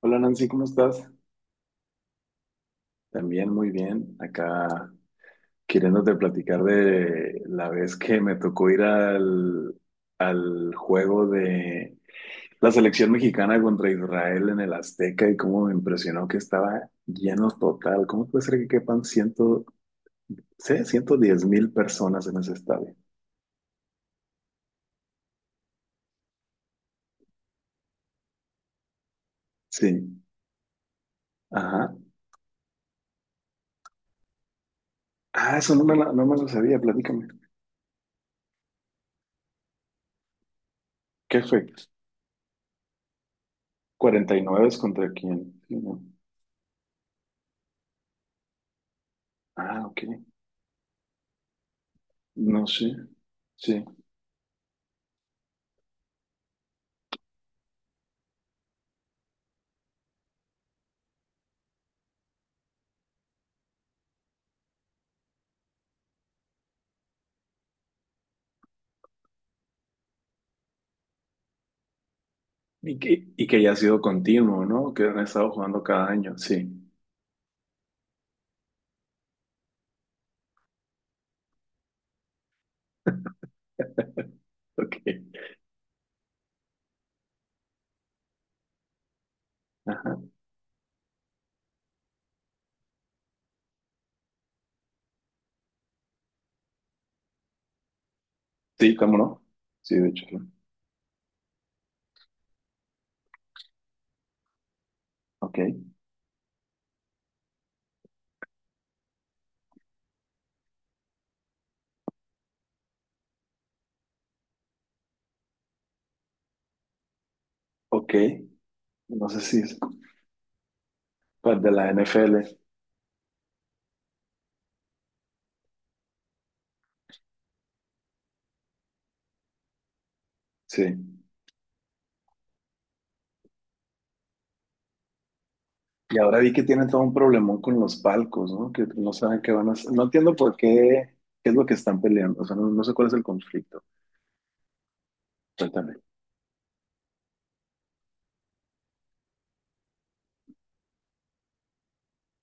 Hola Nancy, ¿cómo estás? También muy bien. Acá queriéndote platicar de la vez que me tocó ir al juego de la selección mexicana contra Israel en el Azteca y cómo me impresionó que estaba lleno total. ¿Cómo puede ser que quepan 110,000 personas en ese estadio? Sí. Ajá. Ah, eso no me, la- no me lo sabía. Platícame. ¿Qué fue? ¿49 contra quién? Sí, no. Ah, ok. No sé. Sí. Y que ya ha sido continuo, ¿no? Que han estado jugando cada año, sí. Ok. Ajá. Sí, cómo no. Sí, de hecho. Sí. Ok. Ok. No sé si es, pues, de la NFL. Sí. Y ahora vi que tienen todo un problemón con los palcos, ¿no? Que no saben qué van a hacer. No entiendo por qué, qué es lo que están peleando. O sea, no, no sé cuál es el conflicto. Cuéntame.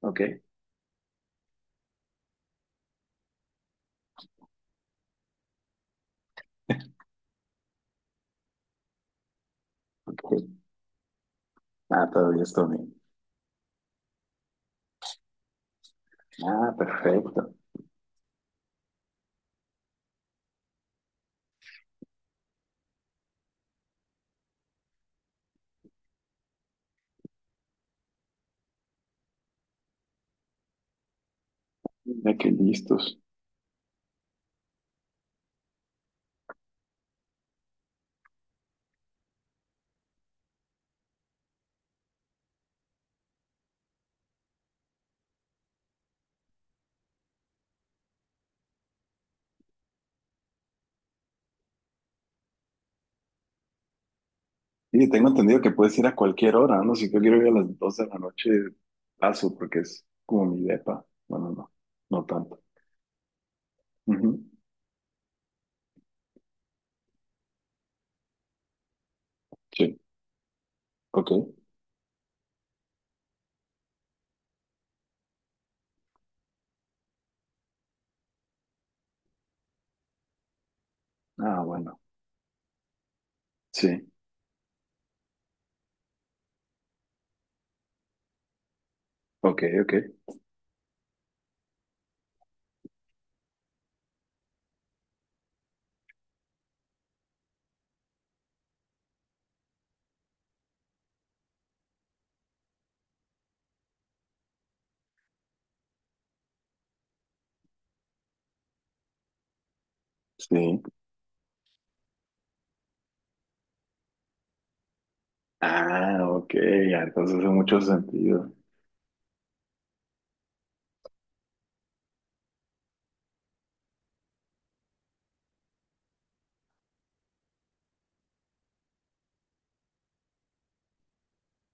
Ok. Ok. Ah, todavía estoy bien. Ah, perfecto. Mira que listos. Sí, tengo entendido que puedes ir a cualquier hora, ¿no? Si yo quiero ir a las dos de la noche, paso, porque es como mi depa. Bueno, no, no tanto. Ujú, sí, ok. Ah, bueno, sí, ok, ok, sí. Ah, ok, ya, entonces hace mucho sentido.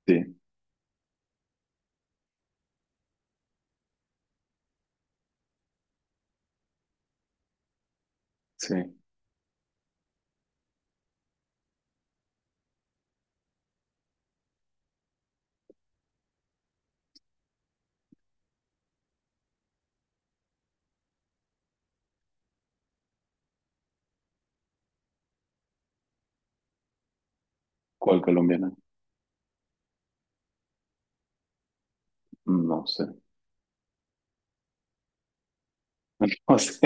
Sí, sí. ¿Cuál colombiana? No sé, no sé.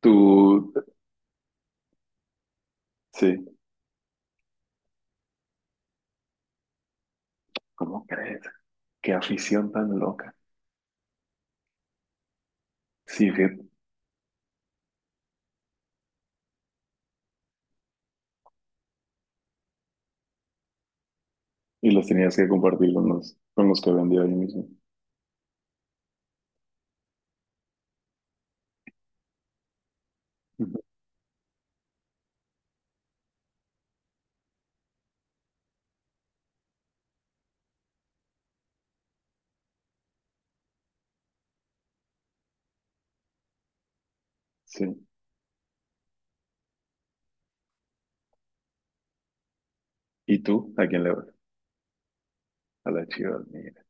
Tú, sí, ¿cómo crees? Qué afición tan loca. Sí, fíjate. Y los tenías que compartir con los que vendía ahí mismo. Ujú, sí. ¿Y tú? ¿A quién le vas? A las Chivas, mira.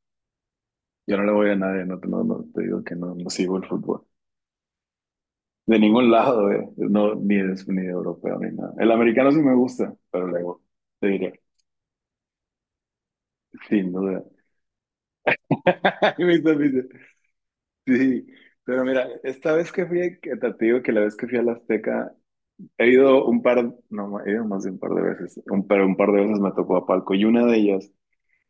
Yo no le voy a nadie, no, te- no, no, te digo que no, no sigo el fútbol. De ningún lado, eh. No, ni de europeo, ni nada. El americano sí me gusta, pero luego te diré, sin duda. Y me hizo risa. Sí, pero mira, esta vez que fui, que te digo que la vez que fui a la Azteca, he ido un par, no, he ido más de un par de veces, pero un par de veces me tocó a palco y una de ellas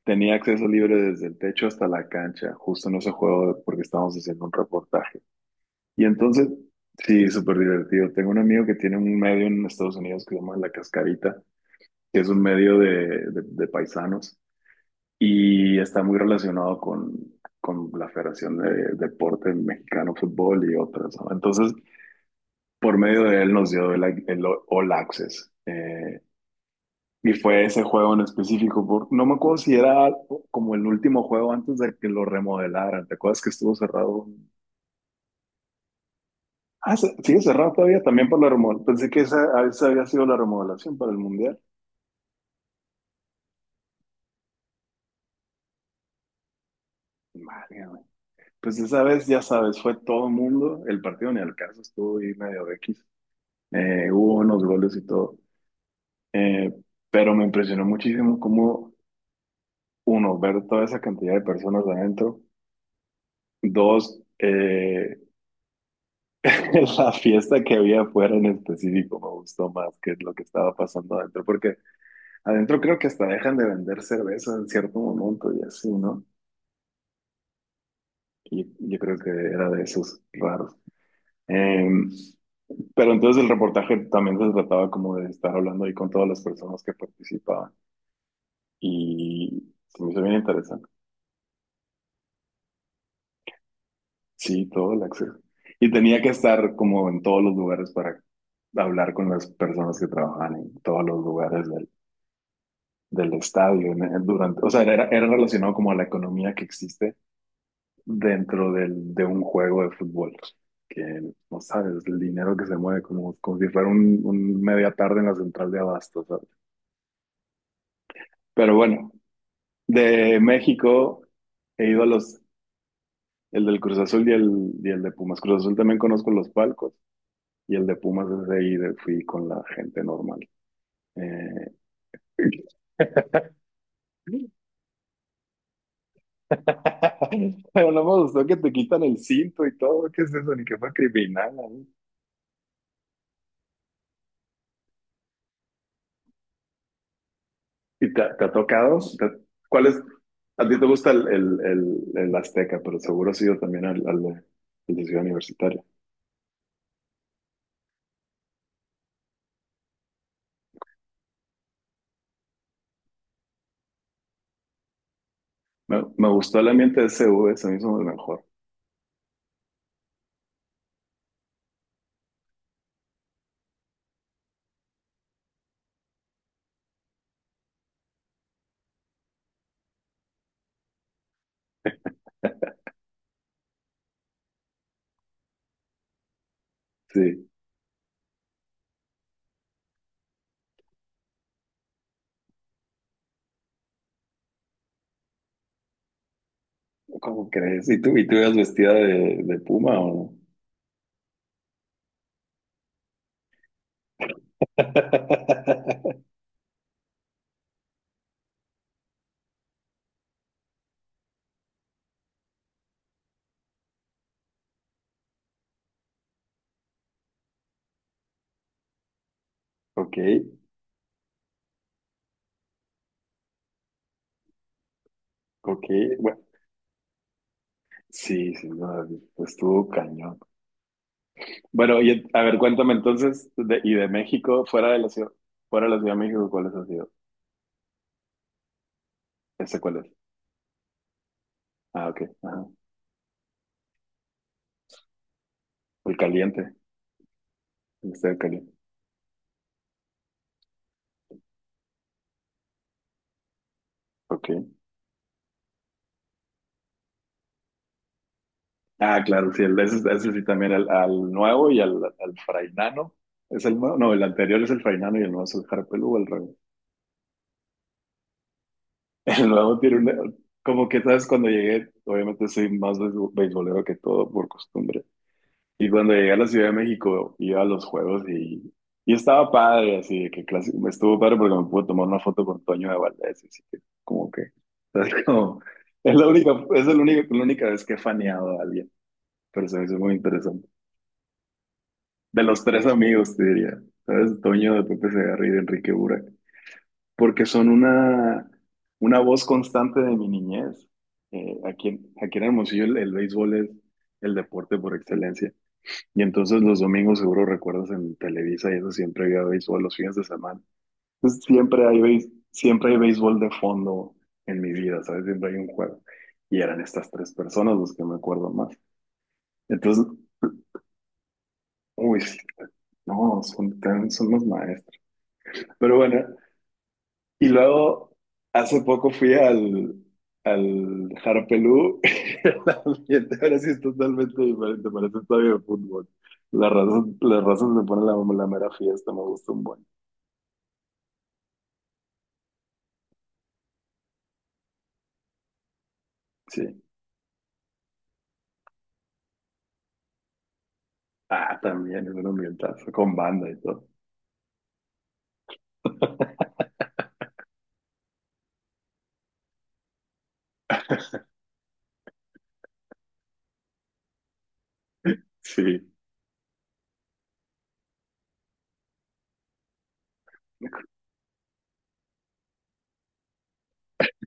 tenía acceso libre desde el techo hasta la cancha, justo en ese juego porque estábamos haciendo un reportaje. Y entonces, sí, súper divertido. Tengo un amigo que tiene un medio en Estados Unidos que se llama La Cascarita, que es un medio de paisanos y está muy relacionado con la Federación de Deporte Mexicano Fútbol y otras, ¿no? Entonces, por medio de él nos dio el All Access. Y fue ese juego en específico, no me acuerdo si era como el último juego antes de que lo remodelaran. ¿Te acuerdas que estuvo cerrado? Ah, sigue cerrado todavía también por la remodelación. Pensé que esa, ah, esa había sido la remodelación para el Mundial. Madre mía. Pues esa vez, ya sabes, fue todo el mundo. El partido ni al caso estuvo ahí medio X. Hubo unos goles y todo. Eh, pero me impresionó muchísimo cómo, uno, ver toda esa cantidad de personas adentro. Dos, la fiesta que había afuera en específico me gustó más que lo que estaba pasando adentro. Porque adentro creo que hasta dejan de vender cerveza en cierto momento y así, ¿no? Y yo creo que era de esos raros. Eh, pero entonces el reportaje también se trataba como de estar hablando ahí con todas las personas que participaban y se me hizo bien interesante. Sí, todo el acceso. Y tenía que estar como en todos los lugares para hablar con las personas que trabajaban en todos los lugares del estadio. Durante, o sea, era relacionado como a la economía que existe dentro de un juego de fútbol. Que no sabes, el dinero que se mueve como, como si fuera un media tarde en la central de abastos, ¿sabes? Pero bueno, de México he ido a los, el del Cruz Azul y el de Pumas. Cruz Azul también conozco los palcos y el de Pumas es ahí, fui con la gente normal. Eh, pero no me gustó que te quitan el cinto y todo, ¿qué es eso? Ni que fue criminal, ¿no? ¿Y te ha tocado? ¿Cuál es? A ti te gusta el Azteca, pero seguro has ido también al de Ciudad Universitaria. Me gustó el ambiente de CV, se me hizo el mejor. Sí, ¿cómo crees? Y tú ibas vestida de puma o no? Ok, ok. Bueno, sí, sí, no, estuvo cañón. Bueno, y a ver, cuéntame entonces, y de México, fuera de la ciudad, fuera de la Ciudad de México, ¿cuáles ha sido? ¿Ese cuál es? Ah, ok, ajá. El caliente, el estadio caliente. Ok. Ah, claro, sí, el, ese sí también, al nuevo y al frainano. ¿Es el nuevo? No, el anterior es el frainano y el nuevo es el Harpelú al revés. El nuevo tiene una... Como que, ¿sabes? Cuando llegué, obviamente soy más beisbolero que todo por costumbre. Y cuando llegué a la Ciudad de México, iba a los juegos y estaba padre, así de que me estuvo padre porque me pude tomar una foto con Toño de Valdés, así que como que... ¿sabes? Es la única, es la única vez que he faneado a alguien, pero se me hizo muy interesante. De los tres amigos, te diría. ¿Sabes? Toño de Pepe Segarra y de Enrique Burak. Porque son una voz constante de mi niñez. Aquí en Hermosillo el béisbol es el deporte por excelencia. Y entonces los domingos seguro recuerdas en Televisa y eso siempre había béisbol los fines de semana. Entonces siempre hay béisbol de fondo en mi vida, ¿sabes? Siempre hay un juego. Y eran estas tres personas los que me acuerdo más. Entonces, uy, sí, no, son los maestros. Pero bueno, y luego, hace poco fui al, Harpelú. El ambiente ahora sí es totalmente diferente, parece un estadio de fútbol. La razón, las razas me ponen la mera fiesta, me gusta un buen. Sí. Ah, también es un ambientazo, con banda y todo. Sí.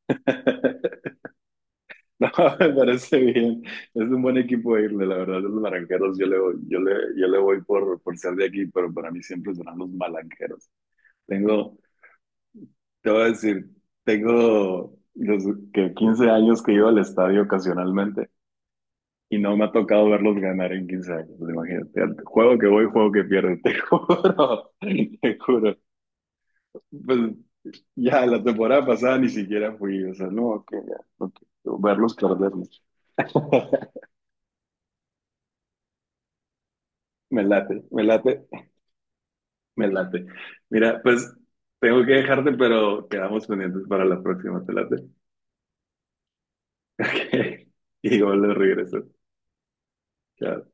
No, me parece bien. Es un buen equipo de irle, la verdad. Los malanqueros, yo le voy por ser de aquí, pero para mí siempre serán los malanqueros. Tengo, Te voy a decir, tengo desde que 15 años que iba al estadio ocasionalmente y no me ha tocado verlos ganar en 15 años, imagínate. Juego que voy, juego que pierdo, te juro, te juro. Pues ya la temporada pasada ni siquiera fui, o sea, no, que ya, no quiero verlos perderlos. Me late, me late, me late. Mira, pues tengo que dejarte, pero quedamos pendientes para la próxima, te late. Ok. Y luego le regreso. Chao.